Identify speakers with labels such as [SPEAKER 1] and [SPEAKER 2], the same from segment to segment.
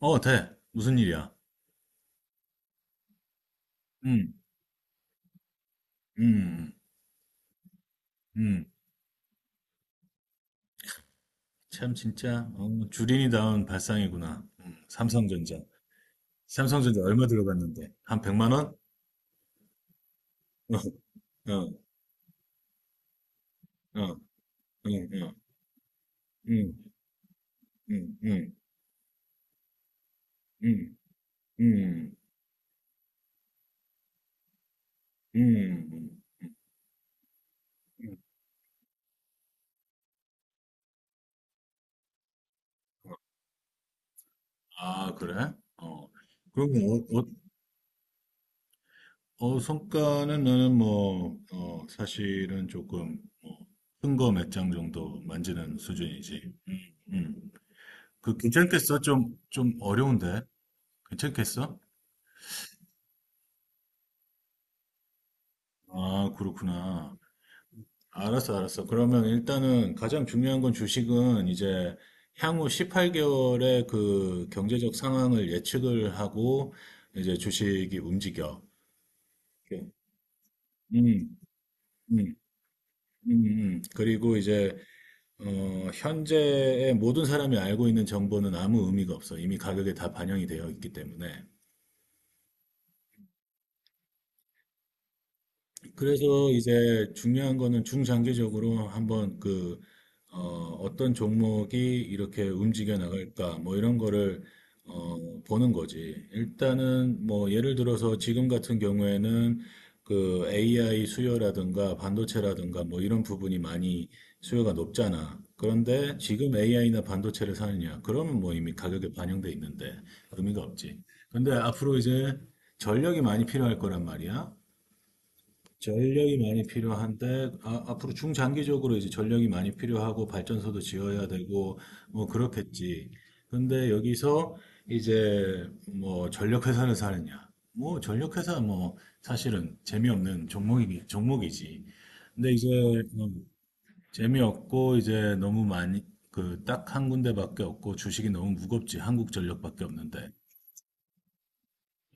[SPEAKER 1] 어, 돼. 무슨 일이야? 음, 음, 음. 참, 진짜, 주린이다운 발상이구나. 삼성전자. 삼성전자 얼마 들어갔는데? 한 100만 원? 어, 어, 어, 어, 어, 음, 음, 음, 음, 음, 음, 음. 아, 그래? 어. 그럼. 어, 어, 성과는 나는 뭐, 사실은 조금, 뭐, 큰거 몇 장 정도 만지는 수준이지. 음. 그 괜찮겠어? 좀 어려운데? 괜찮겠어? 아, 그렇구나. 알았어, 알았어. 그러면 일단은 가장 중요한 건 주식은 이제 향후 18개월의 그 경제적 상황을 예측을 하고 이제 주식이 움직여. 이렇게. 음, 음, 그리고 이제, 현재의 모든 사람이 알고 있는 정보는 아무 의미가 없어. 이미 가격에 다 반영이 되어 있기 때문에. 그래서 이제 중요한 거는 중장기적으로 한번 그, 어, 어떤 종목이 이렇게 움직여 나갈까, 뭐 이런 거를, 어, 보는 거지. 일단은 뭐 예를 들어서 지금 같은 경우에는 그 AI 수요라든가 반도체라든가 뭐 이런 부분이 많이 수요가 높잖아. 그런데 지금 AI나 반도체를 사느냐? 그러면 뭐 이미 가격에 반영돼 있는데 의미가 없지. 근데 앞으로 이제 전력이 많이 필요할 거란 말이야. 전력이 많이 필요한데 앞으로 중장기적으로 이제 전력이 많이 필요하고 발전소도 지어야 되고 뭐 그렇겠지. 근데 여기서 이제 뭐 전력 회사를 사느냐? 뭐 전력 회사 뭐 사실은 재미없는 종목이지. 근데 이제 음, 재미없고 이제 너무 많이 그 딱 한 군데밖에 없고 주식이 너무 무겁지. 한국전력밖에 없는데.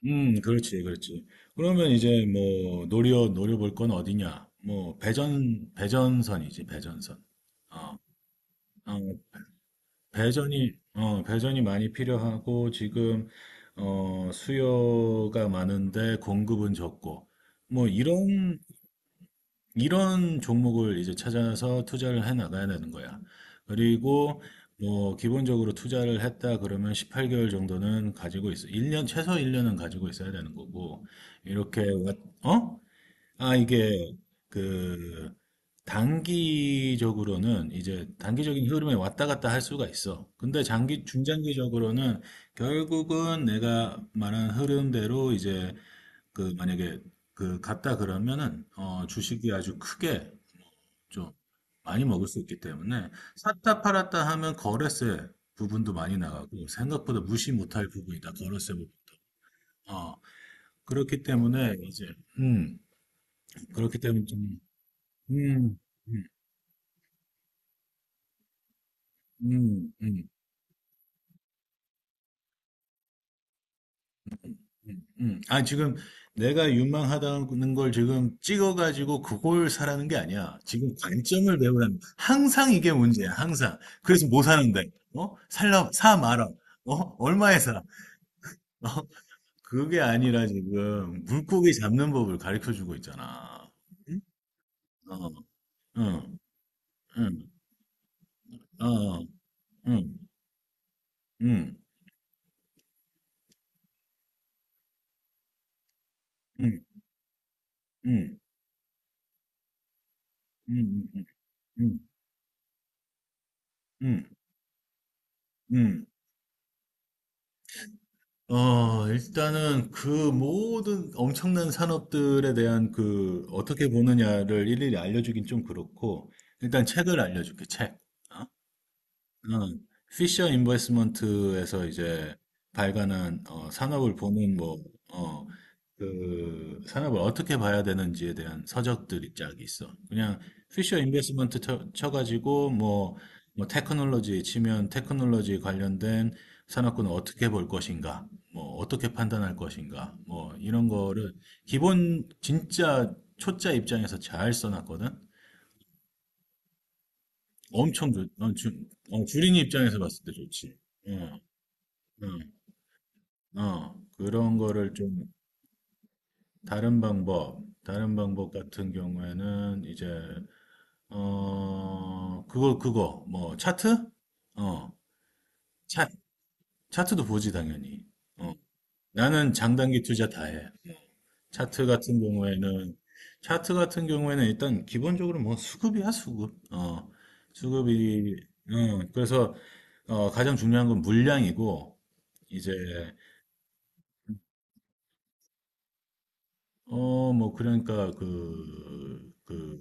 [SPEAKER 1] 그렇지, 그렇지. 그러면 이제 뭐 노려볼 건 어디냐? 뭐 배전선이지, 배전선. 어, 어, 배전이 많이 필요하고 지금 수요가 많은데 공급은 적고 뭐 이런 종목을 이제 찾아서 투자를 해 나가야 되는 거야. 그리고 뭐 기본적으로 투자를 했다 그러면 18개월 정도는 가지고 있어. 1년 최소 1년은 가지고 있어야 되는 거고. 이렇게 왔- 어? 아 이게 그 단기적으로는 이제 단기적인 흐름에 왔다 갔다 할 수가 있어. 근데 장기 중장기적으로는 결국은 내가 말한 흐름대로 이제 그 만약에 그 갔다 그러면은 주식이 아주 크게 좀 많이 먹을 수 있기 때문에 샀다 팔았다 하면 거래세 부분도 많이 나가고 생각보다 무시 못할 부분이다 거래세 부분도 어 그렇기 때문에 이제 음 그렇기 때문에 좀음음음음 아, 지금 내가 유망하다는 걸 지금 찍어가지고 그걸 사라는 게 아니야. 지금 관점을 배우라는 거야. 항상 이게 문제야, 항상. 그래서 뭐 사는데? 어? 살라, 사 말아. 어? 얼마에 사? 어? 그게 아니라 지금 물고기 잡는 법을 가르쳐 주고 있잖아. 응? 어, 응, 응, 어, 응, 응, 응, 응, 응, 응, 응, 응, 응, 응, 응, 어. 일단은 그 모든 엄청난 산업들에 대한 그 어떻게 보느냐를 일일이 알려주긴 좀 그렇고, 일단 책을 알려줄게, 책. 어? 음, 피셔 인베스먼트에서 이제 발간한 산업을 보는 뭐, 어, 그 산업을 어떻게 봐야 되는지에 대한 서적들이 쫙 있어. 그냥 피셔 인베스먼트 쳐가지고 뭐, 뭐 테크놀로지 치면 테크놀로지 관련된 산업군을 어떻게 볼 것인가, 뭐 어떻게 판단할 것인가, 뭐 이런 거를 기본 진짜 초짜 입장에서 잘 써놨거든. 엄청 좋, 어, 주, 어, 주린이 입장에서 봤을 때 좋지. 어. 음, 그런 거를 좀 다른 방법, 다른 방법 같은 경우에는 이제 그거 그거 뭐 차트? 어, 차 차트도 보지 당연히. 어, 나는 장단기 투자 다 해. 차트 같은 경우에는 차트 같은 경우에는 일단 기본적으로 뭐 수급이야 수급. 수급이 그래서 가장 중요한 건 물량이고 이제 뭐 그러니까 그그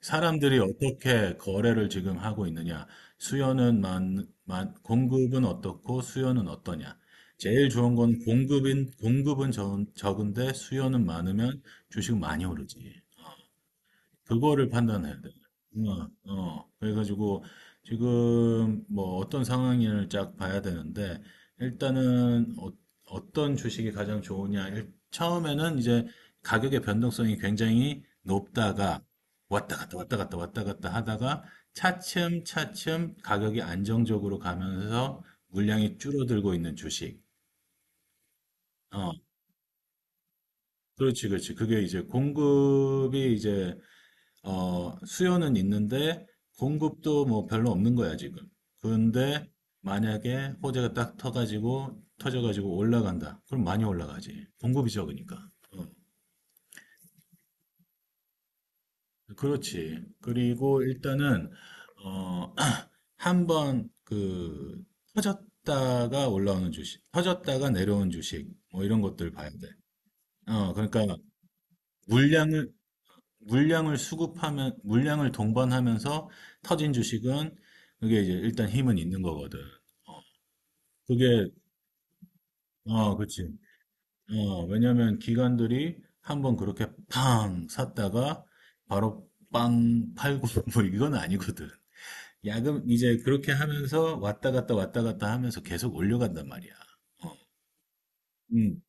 [SPEAKER 1] 사람들이 어떻게 거래를 지금 하고 있느냐, 수요는 공급은 어떻고 수요는 어떠냐. 제일 좋은 건 공급은 적은데 수요는 많으면 주식 많이 오르지. 그거를 판단해야 돼. 어, 어. 그래가지고 지금 뭐 어떤 상황을 쫙 봐야 되는데 일단은 어, 떤 주식이 가장 좋으냐. 처음에는 이제 가격의 변동성이 굉장히 높다가 왔다 갔다 왔다 갔다 왔다 갔다 하다가 차츰 차츰 가격이 안정적으로 가면서 물량이 줄어들고 있는 주식. 어, 그렇지, 그렇지. 그게 이제 공급이 이제 수요는 있는데 공급도 뭐 별로 없는 거야, 지금. 근데 만약에 호재가 딱 터가지고 터져가지고 올라간다. 그럼 많이 올라가지. 공급이 적으니까. 어, 그렇지. 그리고 일단은 어, 한 번 그 터졌다가 올라오는 주식, 터졌다가 내려온 주식 뭐 이런 것들 봐야 돼. 어, 그러니까 물량을 물량을 수급하면, 물량을 동반하면서 터진 주식은 그게 이제 일단 힘은 있는 거거든. 그게, 어, 그치. 어, 왜냐면 기관들이 한번 그렇게 팡 샀다가 바로 빵 팔고 뭐 이건 아니거든. 야금, 이제 그렇게 하면서 왔다 갔다 왔다 갔다 하면서 계속 올려간단 말이야. 어, 음,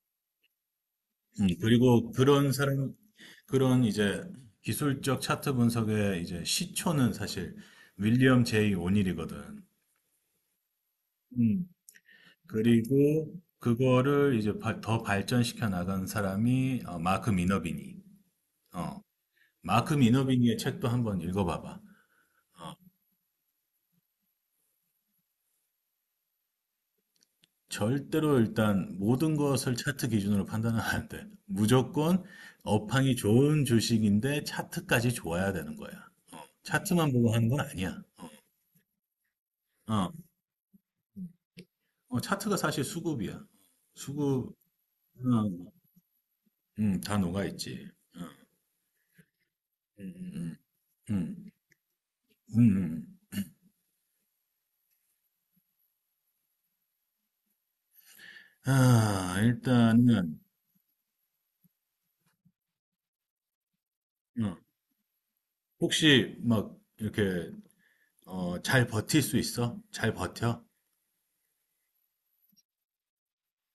[SPEAKER 1] 그리고 그런 이제 기술적 차트 분석의 이제 시초는 사실 윌리엄 제이 오닐이거든. 음, 그리고 그거를 이제 더 발전시켜 나간 사람이 마크 미너비니. 어, 마크 미너비니의 책도 한번 읽어봐봐. 어, 절대로 일단 모든 것을 차트 기준으로 판단은 안 돼. 무조건 업황이 좋은 주식인데 차트까지 좋아야 되는 거야. 어, 차트만 보고 하는 건 아니야. 어, 어, 차트가 사실 수급이야. 수급, 음, 다 녹아있지. 어, 음, 음, 음, 음, 음. 음. 아, 일단은, 어, 혹시 막 이렇게 잘 버틸 수 있어? 잘 버텨?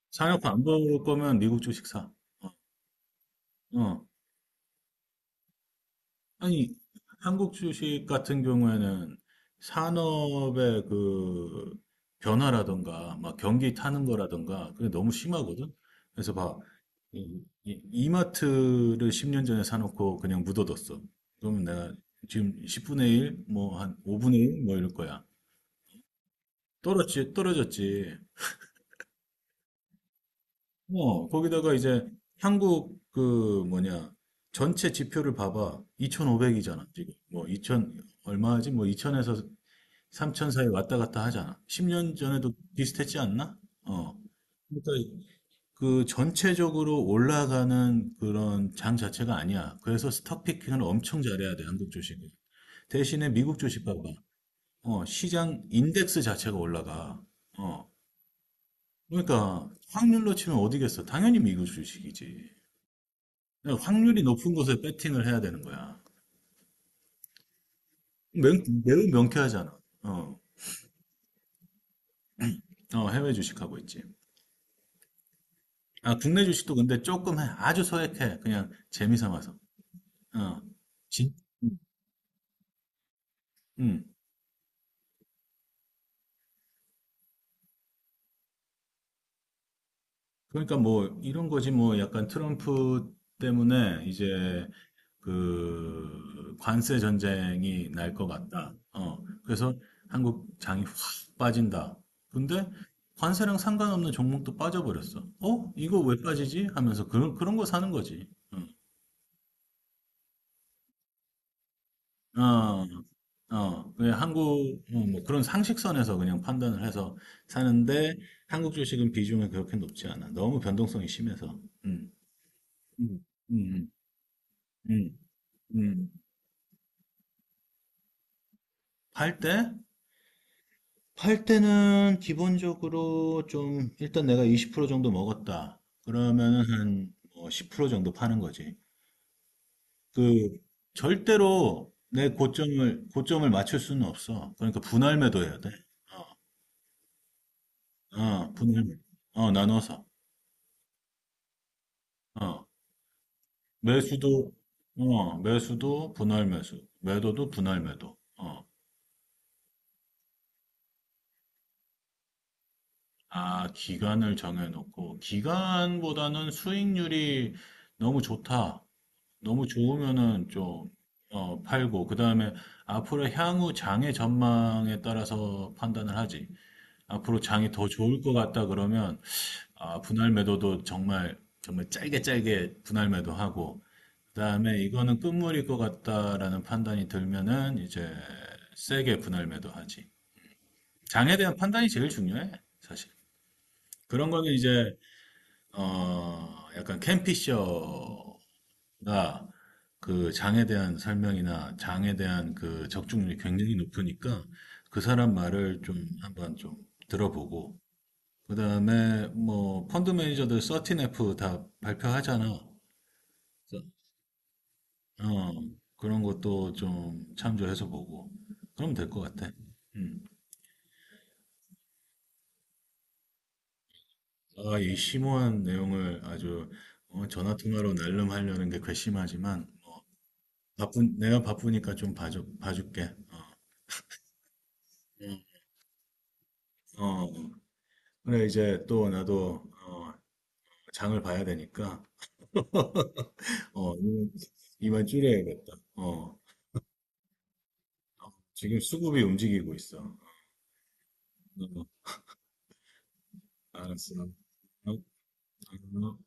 [SPEAKER 1] 사놓고 안 먹을 거면 미국 주식 사. 어, 어. 아니, 한국 주식 같은 경우에는 산업의 그 변화라든가, 막 경기 타는 거라든가, 그게 너무 심하거든? 그래서 봐, 이 마트를 10년 전에 사놓고 그냥 묻어뒀어. 그러면 내가 지금 10분의 1, 뭐 한 5분의 1, 뭐 이럴 거야. 떨어졌지. 어, 거기다가 이제 한국 그 뭐냐 전체 지표를 봐봐. 2,500이잖아, 지금. 뭐 2,000 얼마지? 뭐 2,000에서 3,000 사이 왔다 갔다 하잖아. 10년 전에도 비슷했지 않나? 어. 그러니까 그 전체적으로 올라가는 그런 장 자체가 아니야. 그래서 스톡 피킹을 엄청 잘해야 돼, 한국 주식은. 대신에 미국 주식 봐봐. 어, 시장 인덱스 자체가 올라가. 어. 그러니까 확률로 치면 어디겠어? 당연히 미국 주식이지. 그러니까 확률이 높은 곳에 배팅을 해야 되는 거야. 매우 명쾌하잖아. 어, 어, 해외 주식하고 있지. 아, 국내 주식도 근데 조금 해. 아주 소액해. 그냥 재미 삼아서. 어, 진, 음. 그러니까 뭐 이런 거지 뭐 약간 트럼프 때문에 이제 그 관세 전쟁이 날 것 같다. 어. 그래서 한국 장이 확 빠진다. 근데 관세랑 상관없는 종목도 빠져버렸어. 어? 이거 왜 빠지지? 하면서 그런 그런 거 사는 거지. 응. 어, 어, 그냥 한국, 어, 뭐 그런 상식선에서 그냥 판단을 해서 사는데 한국 주식은 비중이 그렇게 높지 않아. 너무 변동성이 심해서. 음, 음, 음, 음. 음. 음, 팔 때? 팔 때는 기본적으로 좀, 일단 내가 20% 정도 먹었다. 그러면은 한10% 정도 파는 거지. 그, 절대로 내 고점을, 고점을 맞출 수는 없어. 그러니까 분할 매도해야 돼. 어, 어, 분할, 매도. 어, 나눠서. 어, 매수도, 어, 매수도 분할 매수. 매도도 분할 매도. 어, 아, 기간을 정해놓고, 기간보다는 수익률이 너무 좋다. 너무 좋으면은 좀 어, 팔고 그다음에 앞으로 향후 장의 전망에 따라서 판단을 하지. 앞으로 장이 더 좋을 것 같다 그러면 아, 분할 매도도 정말 정말 짧게 짧게 분할 매도하고 그다음에 이거는 끝물일 것 같다라는 판단이 들면은 이제 세게 분할 매도하지. 장에 대한 판단이 제일 중요해, 사실. 그런 거는 이제 어, 약간 캠피셔 나 그 장에 대한 설명이나 장에 대한 그 적중률이 굉장히 높으니까 그 사람 말을 좀 한번 좀 들어보고 그다음에 뭐 펀드 매니저들 13F 다 발표하잖아. 그래서, 어, 그런 것도 좀 참조해서 보고 그러면 될 것 같아. 음. 아, 이 심오한 내용을 아주 어, 전화 통화로 날름하려는 게 괘씸하지만 뭐 바쁜 내가 바쁘니까 좀 봐줘 봐줄게. 어. 음. 어. 그래, 이제 또 나도, 어, 장을 봐야 되니까, 어, 이만 이만 줄여야겠다. 어, 지금 수급이 움직이고 있어. 어, 알았어. 어, 어.